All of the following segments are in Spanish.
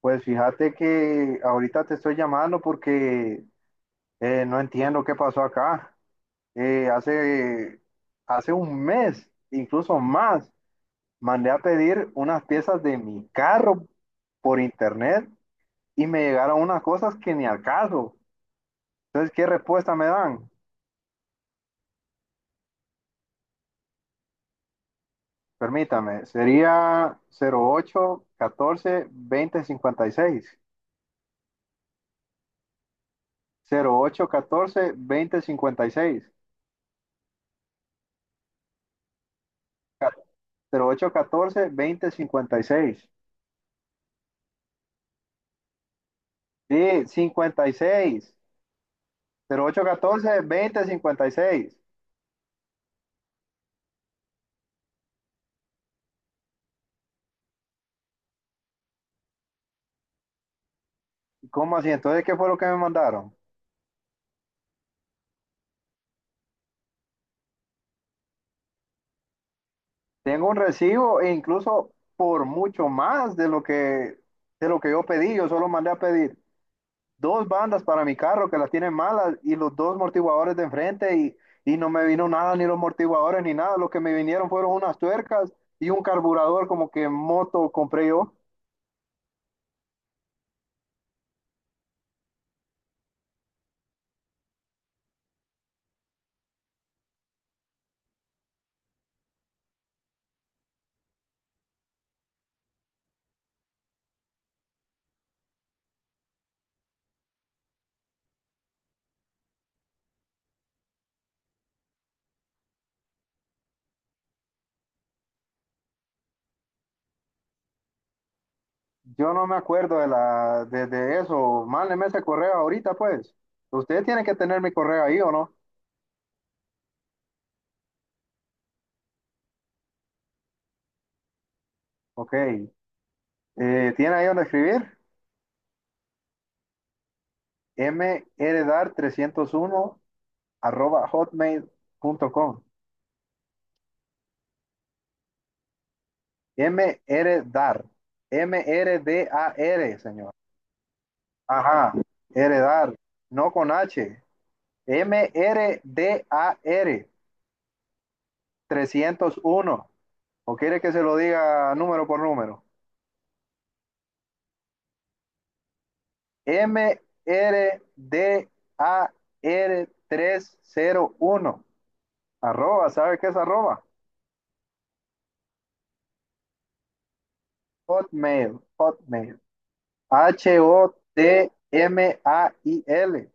Pues fíjate que ahorita te estoy llamando porque no entiendo qué pasó acá. Eh, hace, Hace un mes, incluso más, mandé a pedir unas piezas de mi carro por internet y me llegaron unas cosas que ni al caso. Entonces, ¿qué respuesta me dan? Permítame, sería 0088142056, 08142056, 08142056. Sí, 56, 08142056. ¿Cómo así? Entonces, ¿qué fue lo que me mandaron? Tengo un recibo e incluso por mucho más de lo que yo pedí. Yo solo mandé a pedir dos bandas para mi carro que las tienen malas y los dos amortiguadores de enfrente y no me vino nada, ni los amortiguadores ni nada. Lo que me vinieron fueron unas tuercas y un carburador como que moto compré yo. Yo no me acuerdo de eso. Mándeme ese correo ahorita, pues. Usted tiene que tener mi correo ahí, ¿o no? Ok. ¿Tiene ahí donde escribir? mrdar301@hotmail.com. Mrdar. M-R-D-A-R, M R D A R, señor. Ajá. Heredar. No con H. mrdar r d 301. ¿O quiere que se lo diga número por número? MRDAR301. Arroba, ¿sabe qué es arroba? Hotmail, Hotmail. H-O-T-M-A-I-L.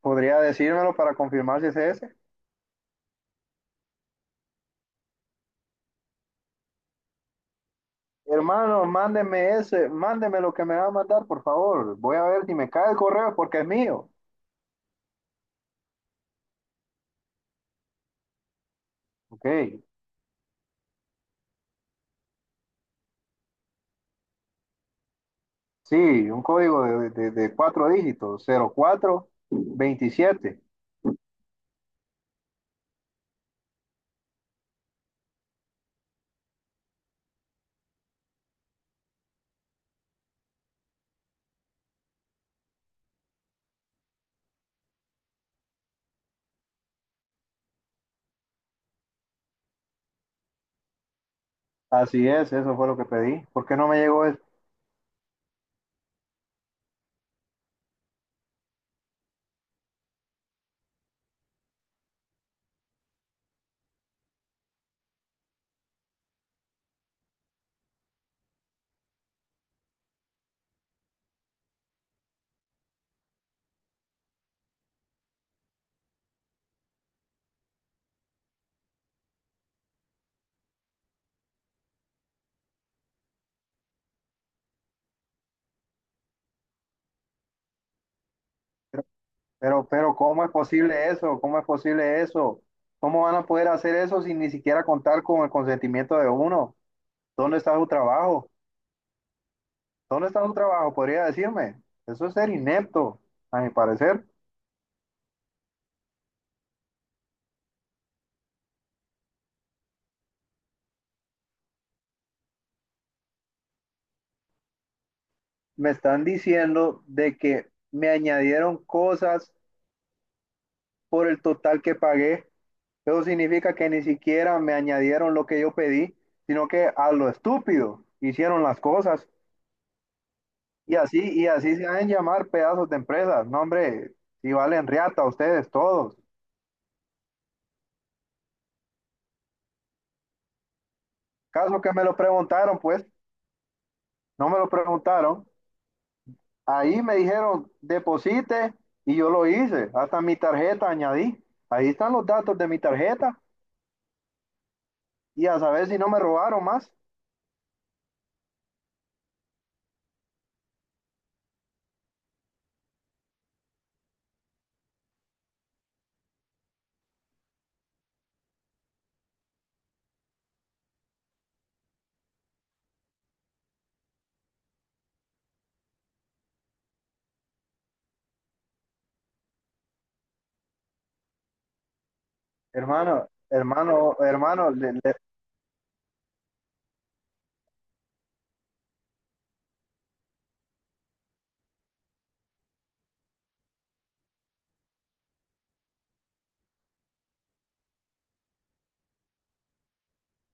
¿Podría decírmelo para confirmar si es ese? Hermano, mándeme ese, mándeme lo que me va a mandar, por favor. Voy a ver si me cae el correo porque es mío. Ok, sí, un código de cuatro dígitos, 0427. Así es, eso fue lo que pedí. ¿Por qué no me llegó eso? Pero, ¿cómo es posible eso? ¿Cómo es posible eso? ¿Cómo van a poder hacer eso sin ni siquiera contar con el consentimiento de uno? ¿Dónde está su trabajo? ¿Dónde está su trabajo? Podría decirme. Eso es ser inepto, a mi parecer. Me están diciendo de que me añadieron cosas por el total que pagué. Eso significa que ni siquiera me añadieron lo que yo pedí, sino que a lo estúpido hicieron las cosas. Y así se han llamar pedazos de empresas. No, hombre, si valen riata ustedes todos. Caso que me lo preguntaron, pues, no me lo preguntaron. Ahí me dijeron, deposite, y yo lo hice. Hasta mi tarjeta añadí. Ahí están los datos de mi tarjeta. Y a saber si no me robaron más. Hermano, hermano, hermano,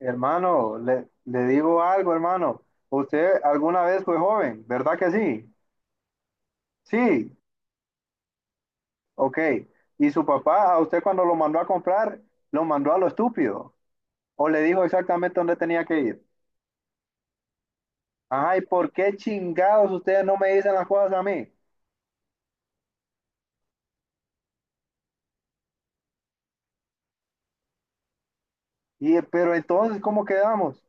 hermano, le digo algo, hermano. Usted alguna vez fue joven, ¿verdad que sí? Sí, ok, y su papá, a usted cuando lo mandó a comprar, lo mandó a lo estúpido, o le dijo exactamente dónde tenía que ir. Ajá, ¿y por qué chingados ustedes no me dicen las cosas a mí? Y, pero entonces, ¿cómo quedamos?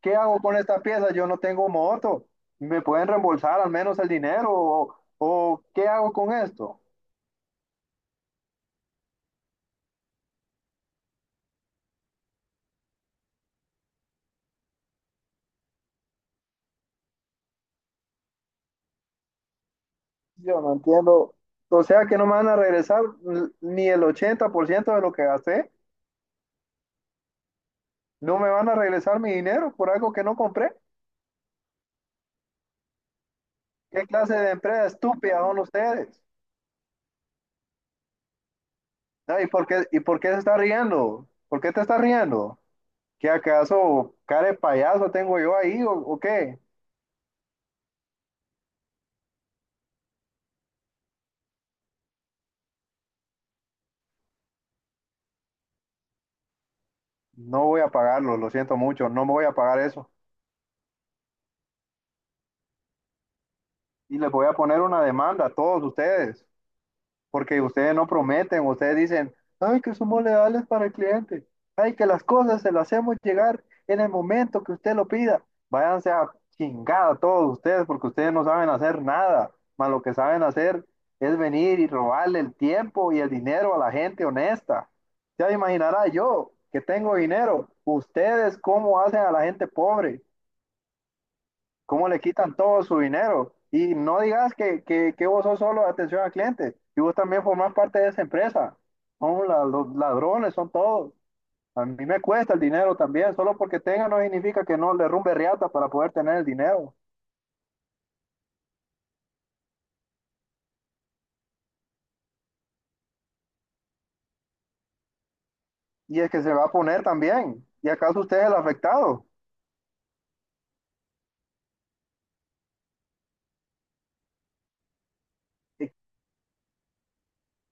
¿Qué hago con esta pieza? Yo no tengo moto. ¿Me pueden reembolsar al menos el dinero? ¿O qué hago con esto? Yo no entiendo. O sea que no me van a regresar ni el 80% de lo que gasté. No me van a regresar mi dinero por algo que no compré. ¿Qué clase de empresa estúpida son ustedes? Ah, ¿Y por qué se está riendo? ¿Por qué te está riendo? ¿Qué acaso cara de payaso tengo yo ahí o qué? No voy a pagarlo, lo siento mucho, no me voy a pagar eso. Y les voy a poner una demanda a todos ustedes, porque ustedes no prometen, ustedes dicen, ay, que somos leales para el cliente, ay, que las cosas se las hacemos llegar en el momento que usted lo pida. Váyanse a chingada todos ustedes, porque ustedes no saben hacer nada, más lo que saben hacer es venir y robarle el tiempo y el dinero a la gente honesta. Ya imaginará yo que tengo dinero, ustedes cómo hacen a la gente pobre cómo le quitan todo su dinero. Y no digas que vos sos solo atención al cliente, y vos también formás parte de esa empresa. Son los ladrones, son todos. A mí me cuesta el dinero también, solo porque tenga no significa que no le rumbe riata para poder tener el dinero. Y es que se va a poner también. ¿Y acaso usted es el afectado? Y-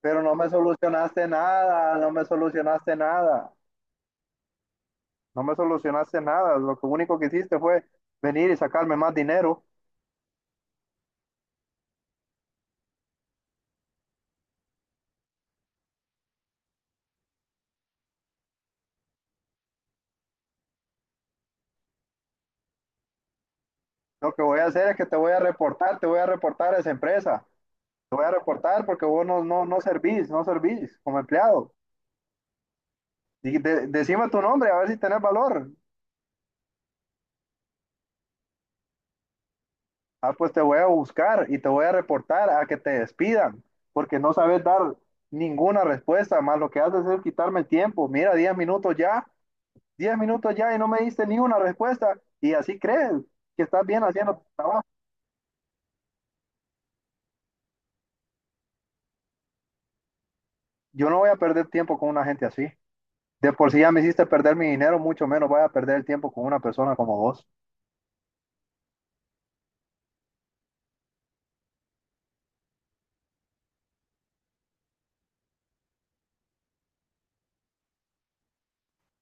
Pero no me solucionaste nada, no me solucionaste nada, no me solucionaste nada. Lo que único que hiciste fue venir y sacarme más dinero. Lo que voy a hacer es que te voy a reportar, te voy a reportar a esa empresa. Te voy a reportar porque vos no, no, no servís, no servís como empleado. Y decime tu nombre, a ver si tenés valor. Ah, pues te voy a buscar y te voy a reportar a que te despidan, porque no sabes dar ninguna respuesta, más lo que haces es quitarme el tiempo. Mira, 10 minutos ya, 10 minutos ya y no me diste ni una respuesta. Y así crees que estás bien haciendo tu trabajo. Yo no voy a perder tiempo con una gente así. De por sí ya me hiciste perder mi dinero, mucho menos voy a perder el tiempo con una persona como vos.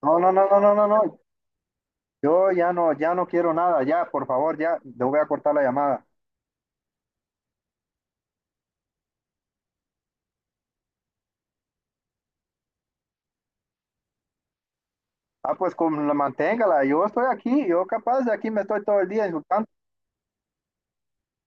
No, no, no, no, no, no, no. Yo ya no, ya no quiero nada, ya, por favor, ya, le voy a cortar la llamada. Ah, pues con la manténgala, yo estoy aquí, yo capaz de aquí me estoy todo el día insultando.